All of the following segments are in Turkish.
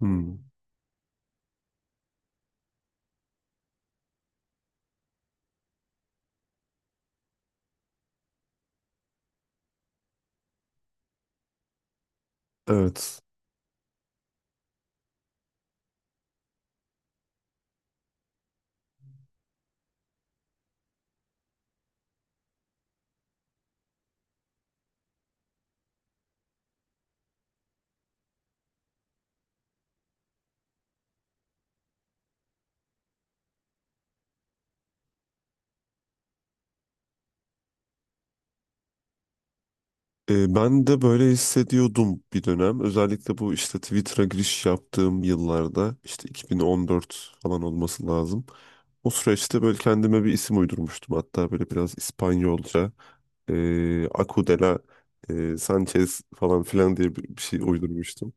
Hmm, evet. Ben de böyle hissediyordum bir dönem. Özellikle bu işte Twitter'a giriş yaptığım yıllarda işte 2014 falan olması lazım. O süreçte böyle kendime bir isim uydurmuştum. Hatta böyle biraz İspanyolca Acudela Sanchez falan filan diye bir şey uydurmuştum.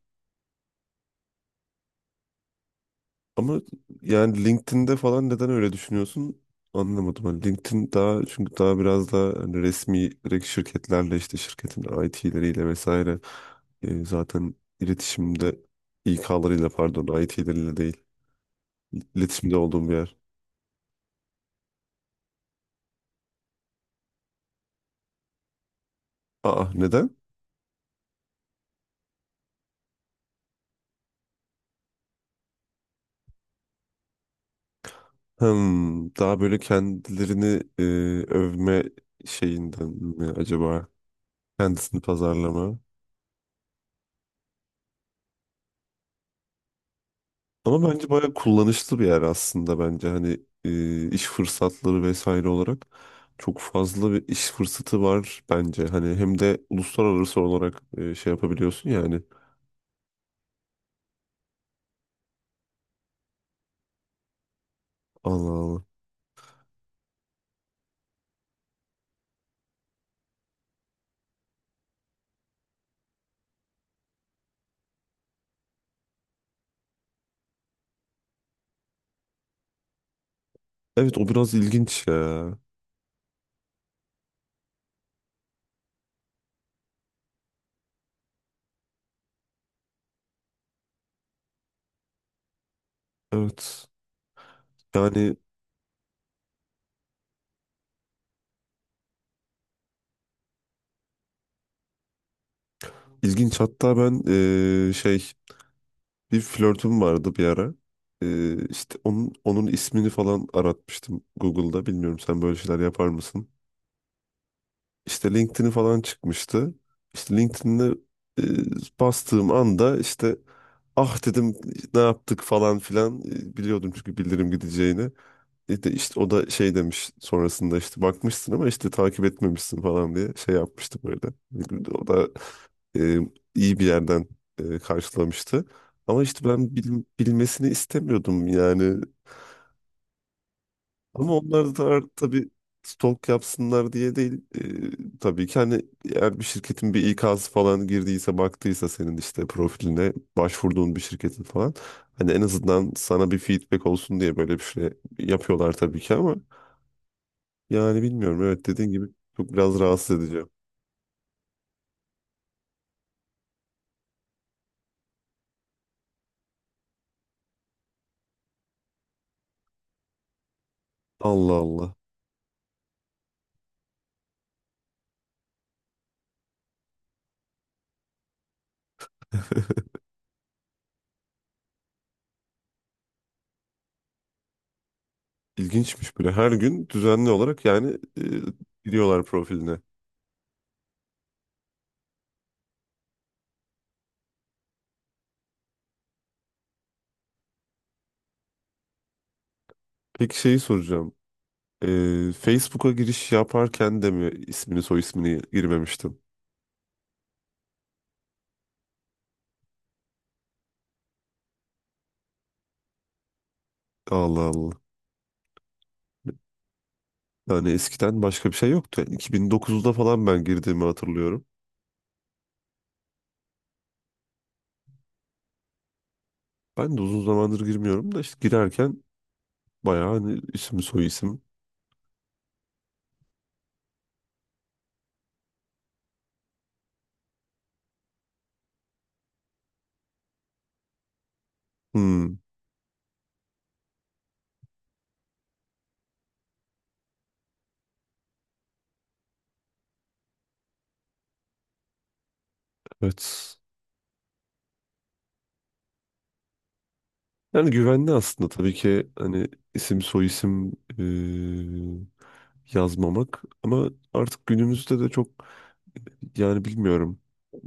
Ama yani LinkedIn'de falan neden öyle düşünüyorsun anlamadım. Hani LinkedIn daha çünkü daha biraz daha hani resmi direkt şirketlerle işte şirketin IT'leriyle vesaire zaten iletişimde İK'larıyla pardon IT'leriyle değil iletişimde olduğum bir yer. Aa neden? Hmm, daha böyle kendilerini övme şeyinden mi acaba? Kendisini pazarlama. Ama bence bayağı kullanışlı bir yer aslında bence hani iş fırsatları vesaire olarak çok fazla bir iş fırsatı var bence. Hani hem de uluslararası olarak şey yapabiliyorsun yani. Allah Allah. Evet, o biraz ilginç ya. Evet. Yani ilginç, hatta ben e, şey bir flörtüm vardı bir ara. E, işte onun ismini falan aratmıştım Google'da. Bilmiyorum, sen böyle şeyler yapar mısın? İşte LinkedIn'i falan çıkmıştı. İşte LinkedIn'de bastığım anda işte ah dedim ne yaptık falan filan. E, biliyordum çünkü bildirim gideceğini. E de işte o da şey demiş sonrasında işte bakmışsın ama işte takip etmemişsin falan diye şey yapmıştı böyle. O da e, iyi bir yerden karşılamıştı. Ama işte ben bilmesini istemiyordum yani. Ama onlar da tabii stalk yapsınlar diye değil. Tabii ki hani eğer bir şirketin bir ikazı falan girdiyse baktıysa senin işte profiline başvurduğun bir şirketin falan. Hani en azından sana bir feedback olsun diye böyle bir şey yapıyorlar tabii ki, ama yani bilmiyorum, evet, dediğin gibi çok biraz rahatsız edici. Allah Allah. İlginçmiş böyle her gün düzenli olarak yani, giriyorlar profiline. Peki şeyi soracağım. Facebook'a giriş yaparken de mi ismini soy ismini girmemiştim? Allah Allah. Yani eskiden başka bir şey yoktu. Yani 2009'da falan ben girdiğimi hatırlıyorum. Ben de uzun zamandır girmiyorum da işte girerken bayağı hani isim soy isim. Hmm, evet. Yani güvenli aslında tabii ki hani isim soy isim, yazmamak, ama artık günümüzde de çok yani bilmiyorum.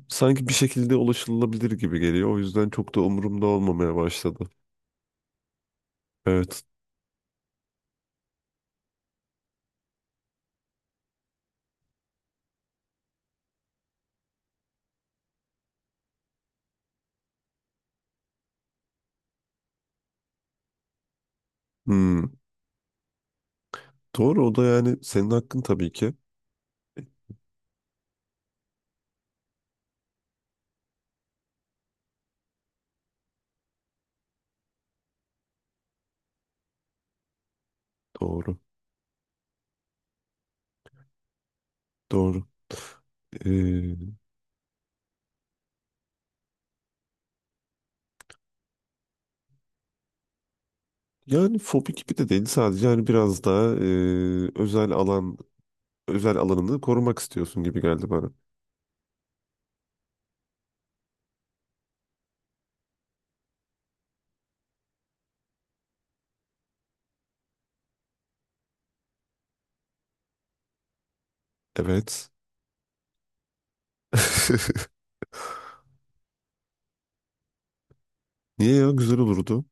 Sanki bir şekilde ulaşılabilir gibi geliyor. O yüzden çok da umurumda olmamaya başladı. Evet. Hmm. Doğru, o da yani senin hakkın tabii ki. Doğru. Doğru. Ee, yani fobi gibi de değil, sadece yani biraz daha özel alanını korumak istiyorsun gibi geldi bana. Evet. Niye ya, güzel olurdu.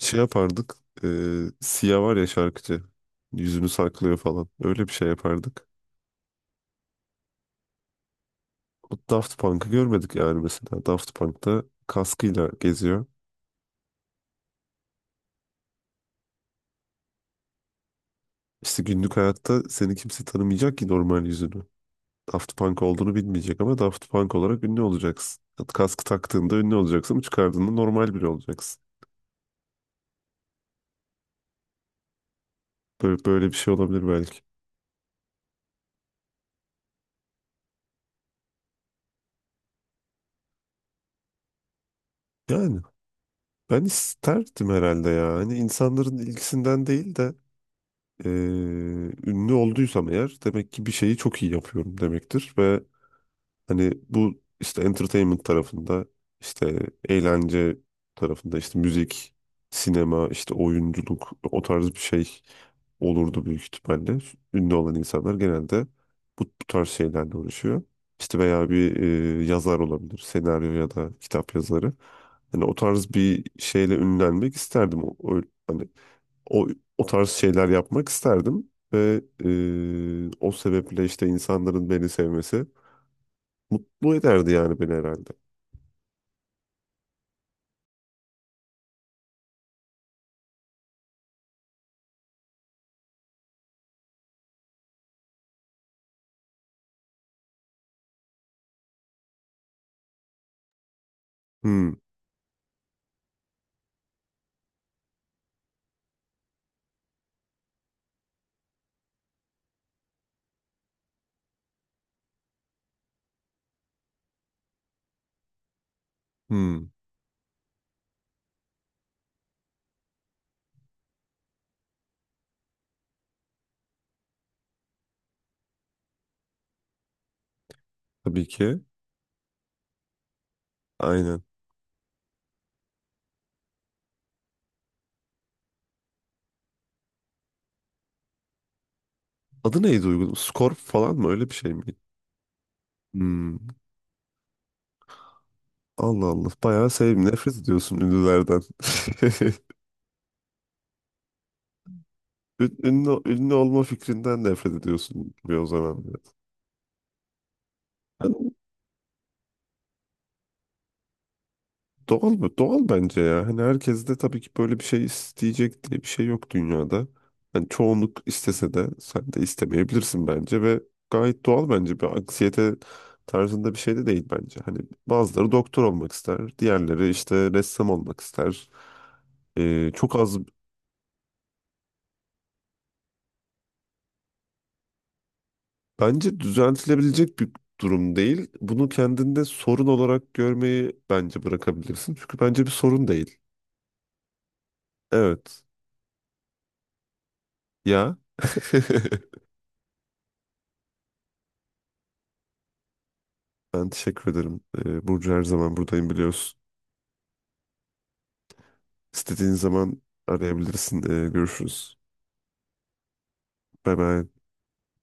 Şey yapardık. E, Sia var ya şarkıcı. Yüzünü saklıyor falan. Öyle bir şey yapardık. O Daft Punk'ı görmedik yani mesela. Daft Punk'ta kaskıyla geziyor. İşte günlük hayatta seni kimse tanımayacak ki normal yüzünü. Daft Punk olduğunu bilmeyecek ama Daft Punk olarak ünlü olacaksın. Kaskı taktığında ünlü olacaksın ama çıkardığında normal biri olacaksın. Böyle, bir şey olabilir belki. Yani ben isterdim herhalde ya. Hani insanların ilgisinden değil de, eee, ünlü olduysam eğer demek ki bir şeyi çok iyi yapıyorum demektir ve hani bu işte entertainment tarafında, işte eğlence tarafında, işte müzik, sinema, işte oyunculuk, o tarz bir şey olurdu büyük ihtimalle. Ünlü olan insanlar genelde bu tarz şeylerle uğraşıyor. İşte veya bir yazar olabilir, senaryo ya da kitap yazarı. Hani o tarz bir şeyle ünlenmek isterdim. Hani o, o tarz şeyler yapmak isterdim ve o sebeple işte insanların beni sevmesi mutlu ederdi yani beni herhalde. Hmm, hmm. Tabii ki. Aynen. Adı neydi uygun? Skor falan mı? Öyle bir şey miydi? Hmm. Allah Allah. Bayağı sevim. Nefret ediyorsun ünlülerden. Ünlü, ünlü olma fikrinden nefret ediyorsun gibi o zaman. Doğal mı? Doğal bence ya. Hani herkes de tabii ki böyle bir şey isteyecek diye bir şey yok dünyada. Hani çoğunluk istese de sen de istemeyebilirsin bence ve gayet doğal bence. Bir anksiyete tarzında bir şey de değil bence. Hani bazıları doktor olmak ister, diğerleri işte ressam olmak ister. Çok az bence düzeltilebilecek bir durum değil. Bunu kendinde sorun olarak görmeyi bence bırakabilirsin. Çünkü bence bir sorun değil. Evet. Ya. Ben teşekkür ederim. Burcu, her zaman buradayım biliyorsun. İstediğin zaman arayabilirsin. Görüşürüz. Bay bay.